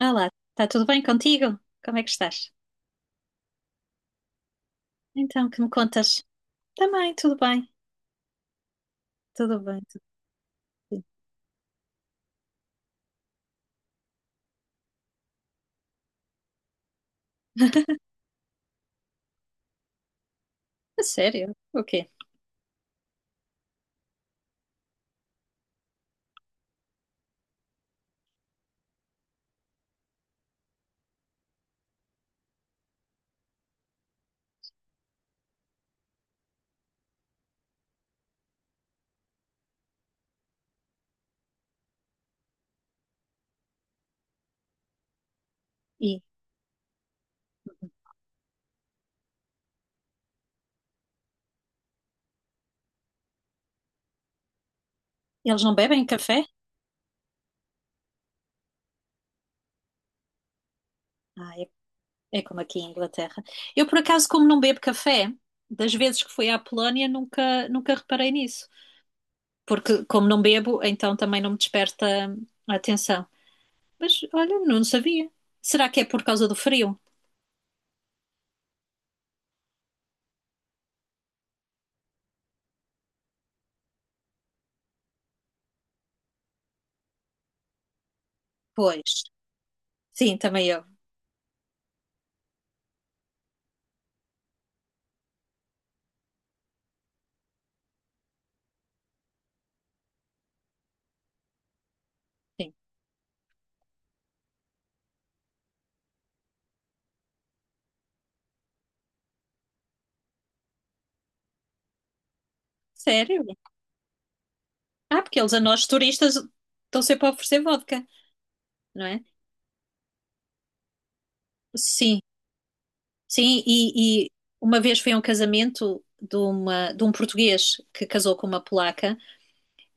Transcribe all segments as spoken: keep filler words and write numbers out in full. Olá, está tudo bem contigo? Como é que estás? Então, que me contas? Também, tudo bem, tudo bem, tudo bem. A sério? O quê? E eles não bebem café? Ah, é, é como aqui em Inglaterra. Eu, por acaso, como não bebo café, das vezes que fui à Polónia, nunca, nunca reparei nisso. Porque, como não bebo, então também não me desperta a atenção. Mas, olha, não sabia. Será que é por causa do frio? Pois, sim, também eu. Sim. Sério? Ah, porque eles a nós turistas estão sempre a oferecer vodka, não é? Sim, sim, e, e uma vez foi a um casamento de, uma, de um português que casou com uma polaca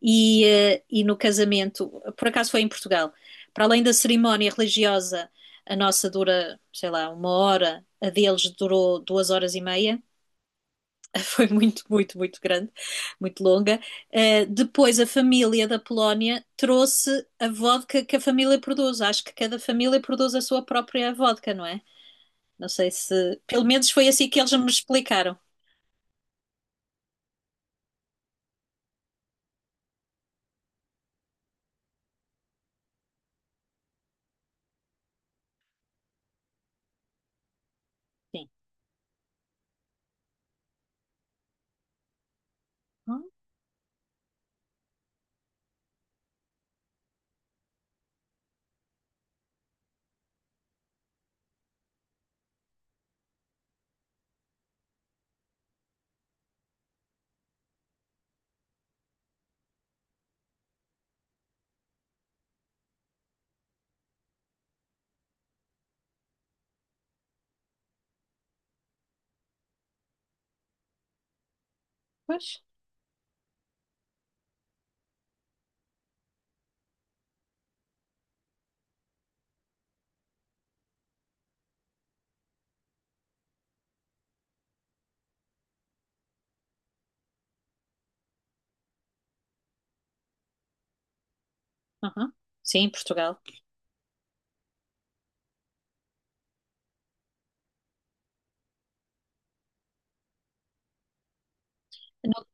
e, eh, e no casamento, por acaso foi em Portugal, para além da cerimónia religiosa, a nossa dura, sei lá, uma hora, a deles durou duas horas e meia, foi muito, muito, muito grande, muito longa. Uh, depois a família da Polónia trouxe a vodka que a família produz. Acho que cada família produz a sua própria vodka, não é? Não sei se. Pelo menos foi assim que eles me explicaram. Sim. Ah, pois. Aham. Sim, Portugal. Não.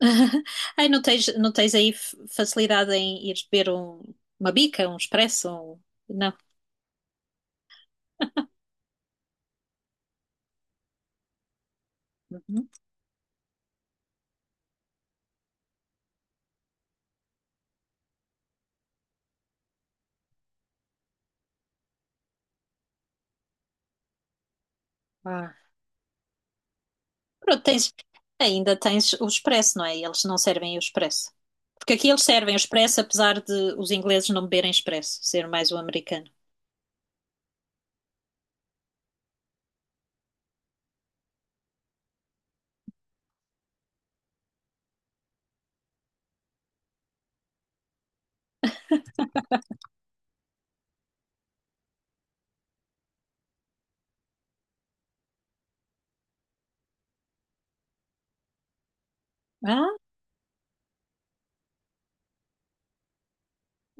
Ai, não tens, não tens aí f- facilidade em ir beber um- uma bica, um expresso? um- Não. Uhum. Pronto, tens, ainda tens o expresso, não é? E eles não servem o expresso. Porque aqui eles servem o expresso, apesar de os ingleses não beberem expresso, ser mais o americano. Ah,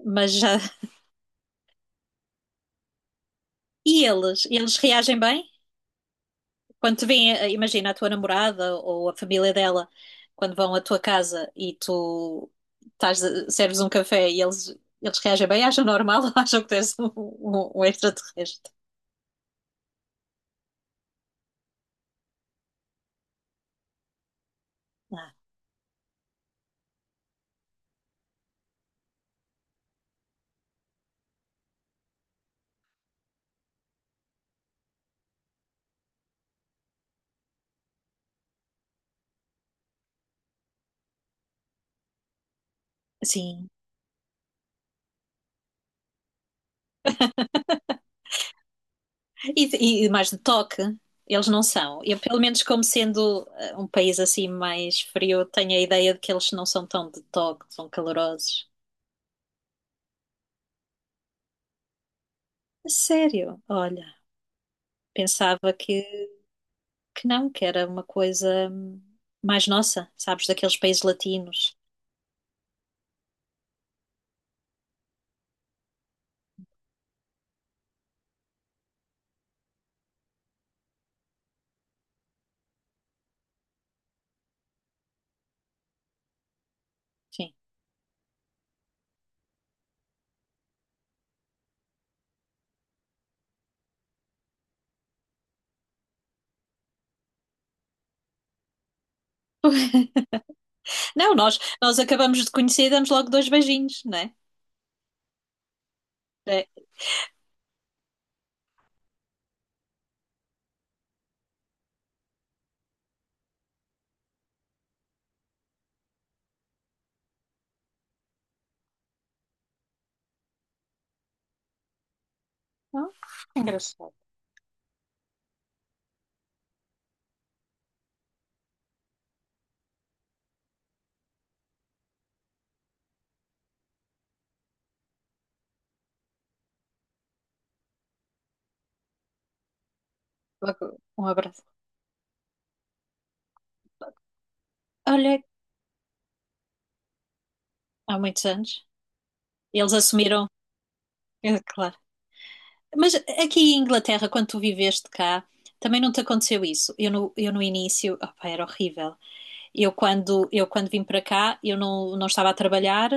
mas já. E eles? Eles reagem bem? Quando te vêm, eh, imagina a tua namorada ou a família dela, quando vão à tua casa e tu estás, serves um café e eles, eles reagem bem, acham normal ou acham que tens um, um, um extraterrestre? Ah, sim. E, e mais de toque, eles não são. Eu, pelo menos, como sendo eh, um país assim mais frio, tenho a ideia de que eles não são tão de toque, são calorosos. A sério, olha, pensava que, que não, que era uma coisa hum, mais nossa, sabes, daqueles países latinos. Sim. Não, nós, nós acabamos de conhecer e damos logo dois beijinhos, não é? É. Não? Engraçado. Logo um abraço. Olha, há muitos anos. Eles assumiram, é claro. Mas aqui em Inglaterra, quando tu viveste cá, também não te aconteceu isso? Eu no, eu no início, opá, era horrível. Eu quando, eu quando vim para cá, eu não, não estava a trabalhar,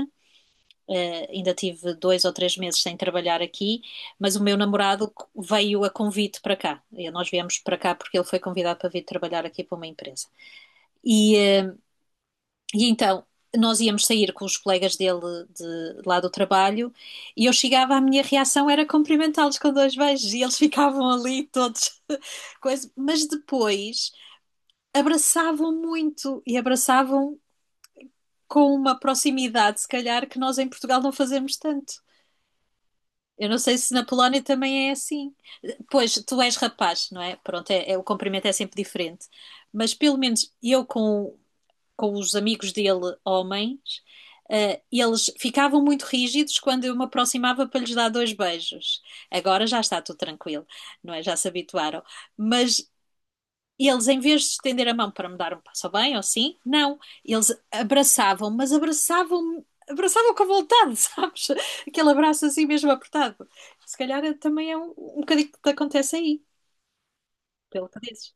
eh, ainda tive dois ou três meses sem trabalhar aqui, mas o meu namorado veio a convite para cá. E nós viemos para cá porque ele foi convidado para vir trabalhar aqui para uma empresa. E, eh, e então nós íamos sair com os colegas dele de, de lá do trabalho e eu chegava, a minha reação era cumprimentá-los com dois beijos e eles ficavam ali todos, coisa, mas depois abraçavam muito e abraçavam com uma proximidade, se calhar, que nós em Portugal não fazemos tanto. Eu não sei se na Polónia também é assim. Pois, tu és rapaz, não é? Pronto, é, é o cumprimento é sempre diferente. Mas pelo menos eu com com os amigos dele, homens, eh, eles ficavam muito rígidos quando eu me aproximava para lhes dar dois beijos. Agora já está tudo tranquilo, não é? Já se habituaram. Mas eles, em vez de estender a mão para me dar um passo bem ou sim, não. Eles abraçavam, mas abraçavam-me. Abraçavam com vontade, sabes? Aquele abraço assim mesmo apertado. Se calhar também é um, um bocadinho que te acontece aí, pelo que dizes.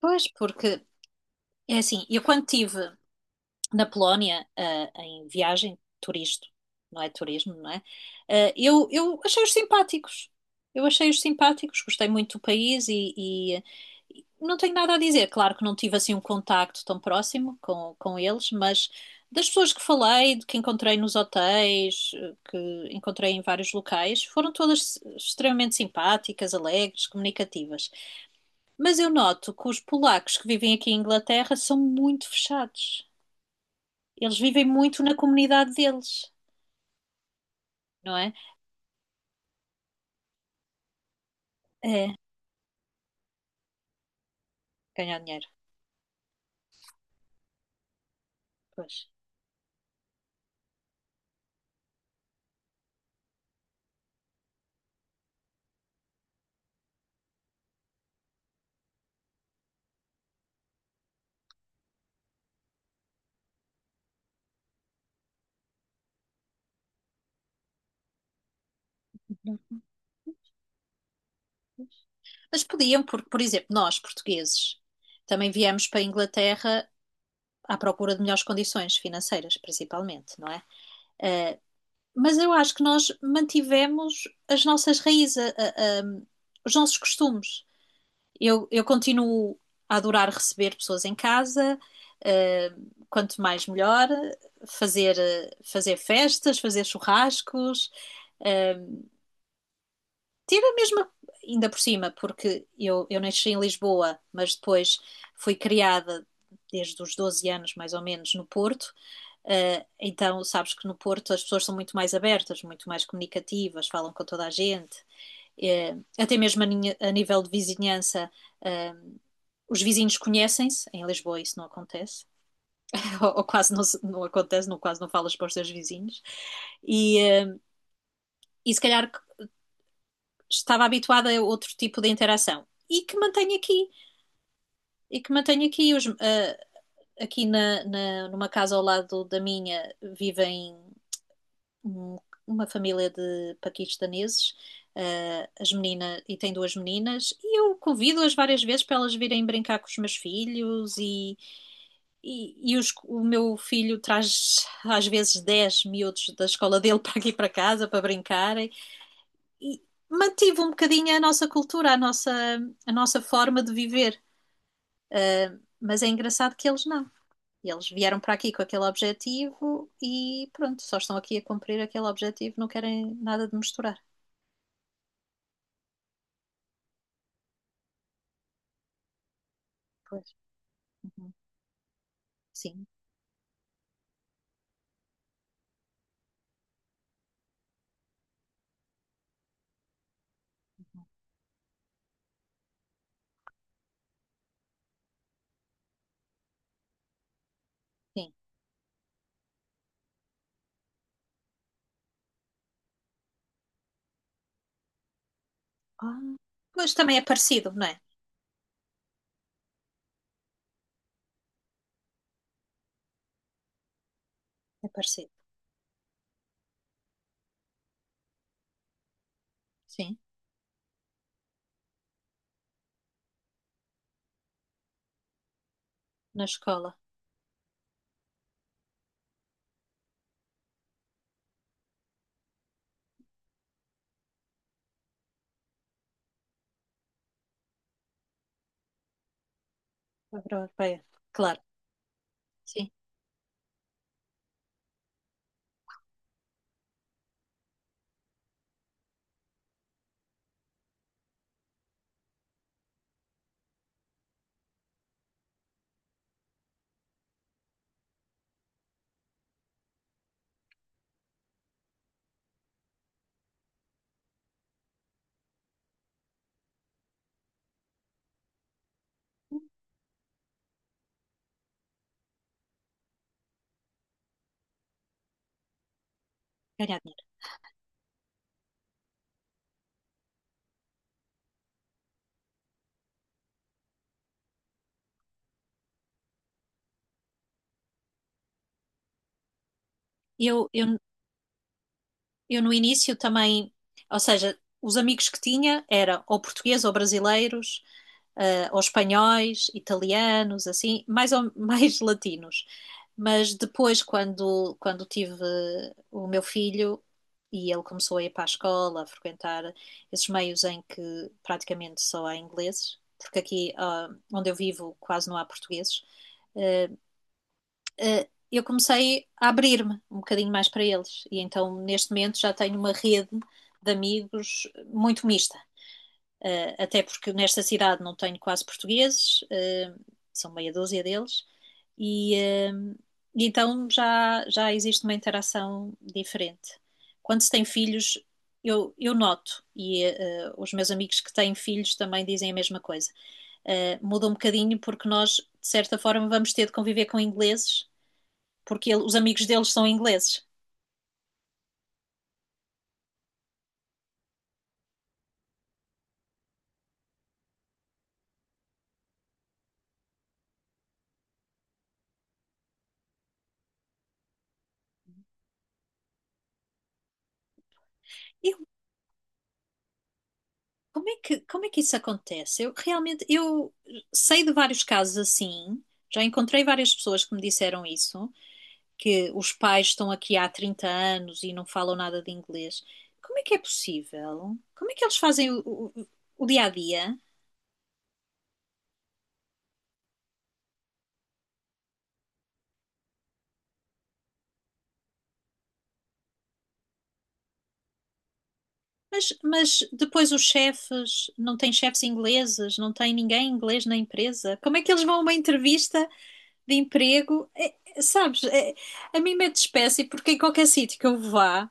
Pois, porque é assim, eu quando tive na Polónia, ah, em viagem, turista, não é turismo, não é? Ah, eu, eu achei-os simpáticos. Eu achei-os simpáticos, gostei muito do país e, e- e não tenho nada a dizer. Claro que não tive assim um contacto tão próximo com, com eles, mas das pessoas que falei, de que encontrei nos hotéis, eh, que encontrei em vários locais, foram todas extremamente simpáticas, alegres, comunicativas. Mas eu noto que os polacos que vivem aqui em Inglaterra são muito fechados. Eles vivem muito na comunidade deles, não é? É, ganhar dinheiro. Pois. Mas podiam, porque, por exemplo, nós, portugueses, também viemos para a Inglaterra à procura de melhores condições financeiras, principalmente, não é? Eh, mas eu acho que nós mantivemos as nossas raízes, a- a- a- os nossos costumes. Eu, eu continuo a adorar receber pessoas em casa, eh, quanto mais melhor, fazer, eh, fazer festas, fazer churrascos, eh, ter a mesma, ainda por cima, porque eu, eu nasci em Lisboa, mas depois fui criada desde os doze anos, mais ou menos, no Porto. Uh, então, sabes que no Porto as pessoas são muito mais abertas, muito mais comunicativas, falam com toda a gente. Uh, até mesmo a, ninha- a nível de vizinhança, uh, os vizinhos conhecem-se. Em Lisboa isso não acontece, ou, ou quase não, se- não acontece, não, quase não falas para os teus vizinhos. E, eh, e se calhar estava habituada a outro tipo de interação e que mantenho aqui e que mantenho aqui os, ah, aqui na, na- numa casa ao lado da minha vivem um- uma família de paquistaneses ah, as meninas e tem duas meninas e eu convido-as várias vezes para elas virem brincar com os meus filhos e, e, e os- o meu filho traz às vezes dez miúdos da escola dele para aqui para casa para brincarem e mantive um bocadinho a nossa cultura, a nossa, a nossa forma de viver. Mas é engraçado que eles não. Eles vieram para aqui com aquele objetivo e pronto, só estão aqui a cumprir aquele objetivo, não querem nada de misturar. Pois. Uhum. Sim, uhum. Sim. Ah, mas também é parecido, não é? É parecido. Sim, na escola, Abra europeia. Claro, sim. Ganhar dinheiro. Eu, eu, eu no início também, ou seja, os amigos que tinha eram ou portugueses ou brasileiros, uh, ou espanhóis, italianos, assim, mais, ou, mais latinos. Mas depois, quando, quando tive o meu filho e ele começou a ir para a escola, a frequentar esses meios em que praticamente só há ingleses, porque aqui uh, onde eu vivo quase não há portugueses, uh, uh, eu comecei a abrir-me um bocadinho mais para eles. E então, neste momento, já tenho uma rede de amigos muito mista. Uh, até porque nesta cidade não tenho quase portugueses, uh, são meia dúzia deles, e uh, e então já, já existe uma interação diferente. Quando se tem filhos, eu, eu noto, e uh, os meus amigos que têm filhos também dizem a mesma coisa. Uh, muda um bocadinho porque nós, de certa forma, vamos ter de conviver com ingleses porque ele- os amigos deles são ingleses. Eu, como é que, como é que isso acontece? Eu realmente, eu sei de vários casos assim, já encontrei várias pessoas que me disseram isso, que os pais estão aqui há trinta anos e não falam nada de inglês. Como é que é possível? Como é que eles fazem o, o- o dia a dia? Mas, mas depois os chefes, não tem chefes ingleses, não tem ninguém inglês na empresa. Como é que eles vão a uma entrevista de emprego? É- é- sabes, é- a mim mete espécie porque em qualquer sítio que eu vá,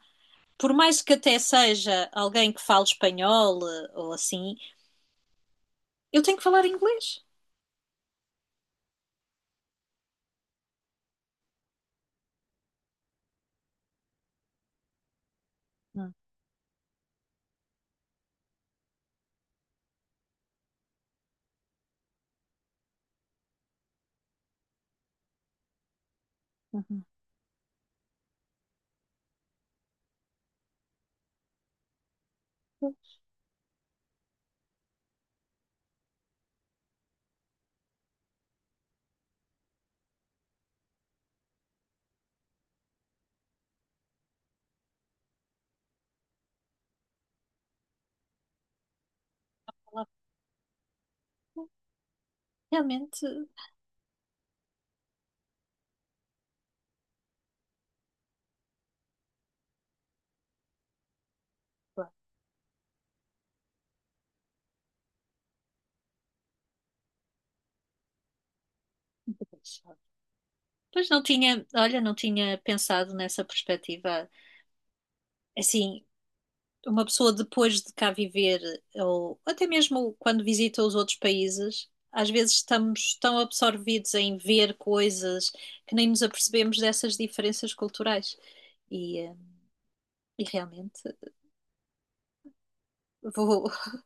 por mais que até seja alguém que fale espanhol eh, ou assim, eu tenho que falar inglês. Hum, uhum. Realmente, Pois não tinha, olha, não tinha pensado nessa perspectiva. Assim, uma pessoa depois de cá viver, ou até mesmo quando visita os outros países, às vezes estamos tão absorvidos em ver coisas que nem nos apercebemos dessas diferenças culturais. E, eh, e realmente vou.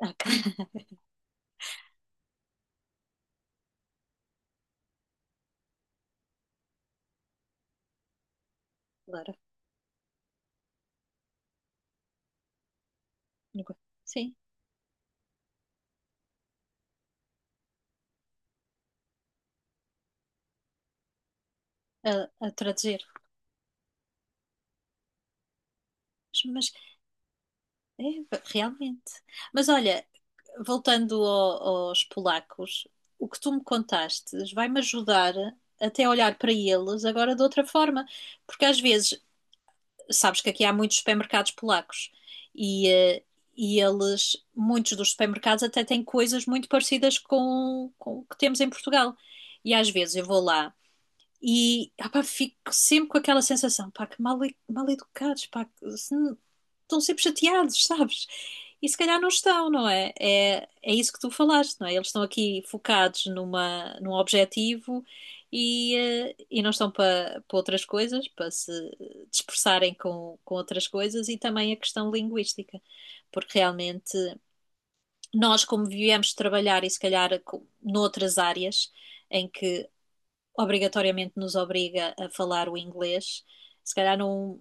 Ah, claro. Sim, a, a traduzir. Mas, mas é, realmente. Mas olha, voltando ao- aos polacos, o que tu me contaste vai-me ajudar até a olhar para eles agora de outra forma, porque às vezes, sabes que aqui há muitos supermercados polacos e, eh, e eles, muitos dos supermercados até têm coisas muito parecidas com, com o que temos em Portugal. E às vezes eu vou lá e ah pá, fico sempre com aquela sensação, pá, que mal, mal educados, pá, que se- estão sempre chateados, sabes? E se calhar não estão, não é? É, é isso que tu falaste, não é? Eles estão aqui focados numa, num objetivo e, eh, e não estão para para outras coisas, para se dispersarem com, com outras coisas e também a questão linguística, porque realmente nós, como viemos trabalhar e se calhar com- noutras áreas em que obrigatoriamente nos obriga a falar o inglês, se calhar não,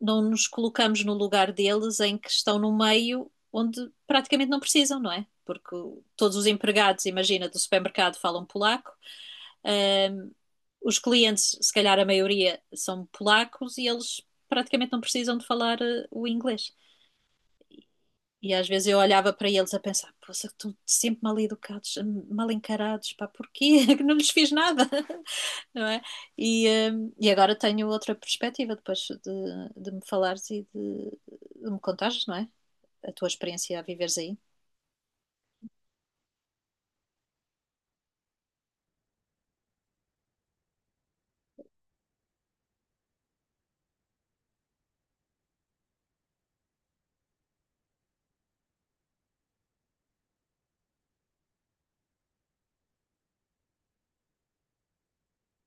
não nos colocamos no lugar deles em que estão no meio onde praticamente não precisam, não é? Porque todos os empregados, imagina, do supermercado falam polaco, ahm, os clientes, se calhar a maioria, são polacos e eles praticamente não precisam de falar eh, o inglês. E às vezes eu olhava para eles a pensar, poxa, estão sempre mal educados, mal encarados, pá, porquê? Que não lhes fiz nada, não é? E, eh, e agora tenho outra perspectiva depois de, de me falares e de, de me contares, não é? A tua experiência a viveres aí.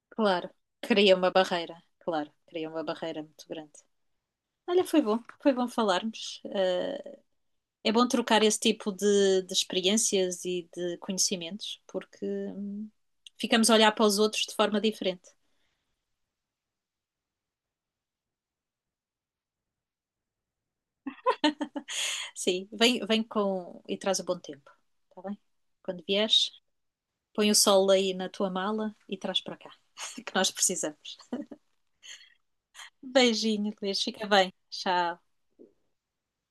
Claro, cria uma barreira, claro, cria uma barreira muito grande. Olha, foi bom, foi bom falarmos. eh, É bom trocar esse tipo de, de experiências e de conhecimentos, porque hum, ficamos a olhar para os outros de forma diferente. Sim, vem, vem com e traz o bom tempo, está bem? Quando vieres, põe o sol aí na tua mala e traz para cá, que nós precisamos. Beijinho, Luís, fica bem. Tchau.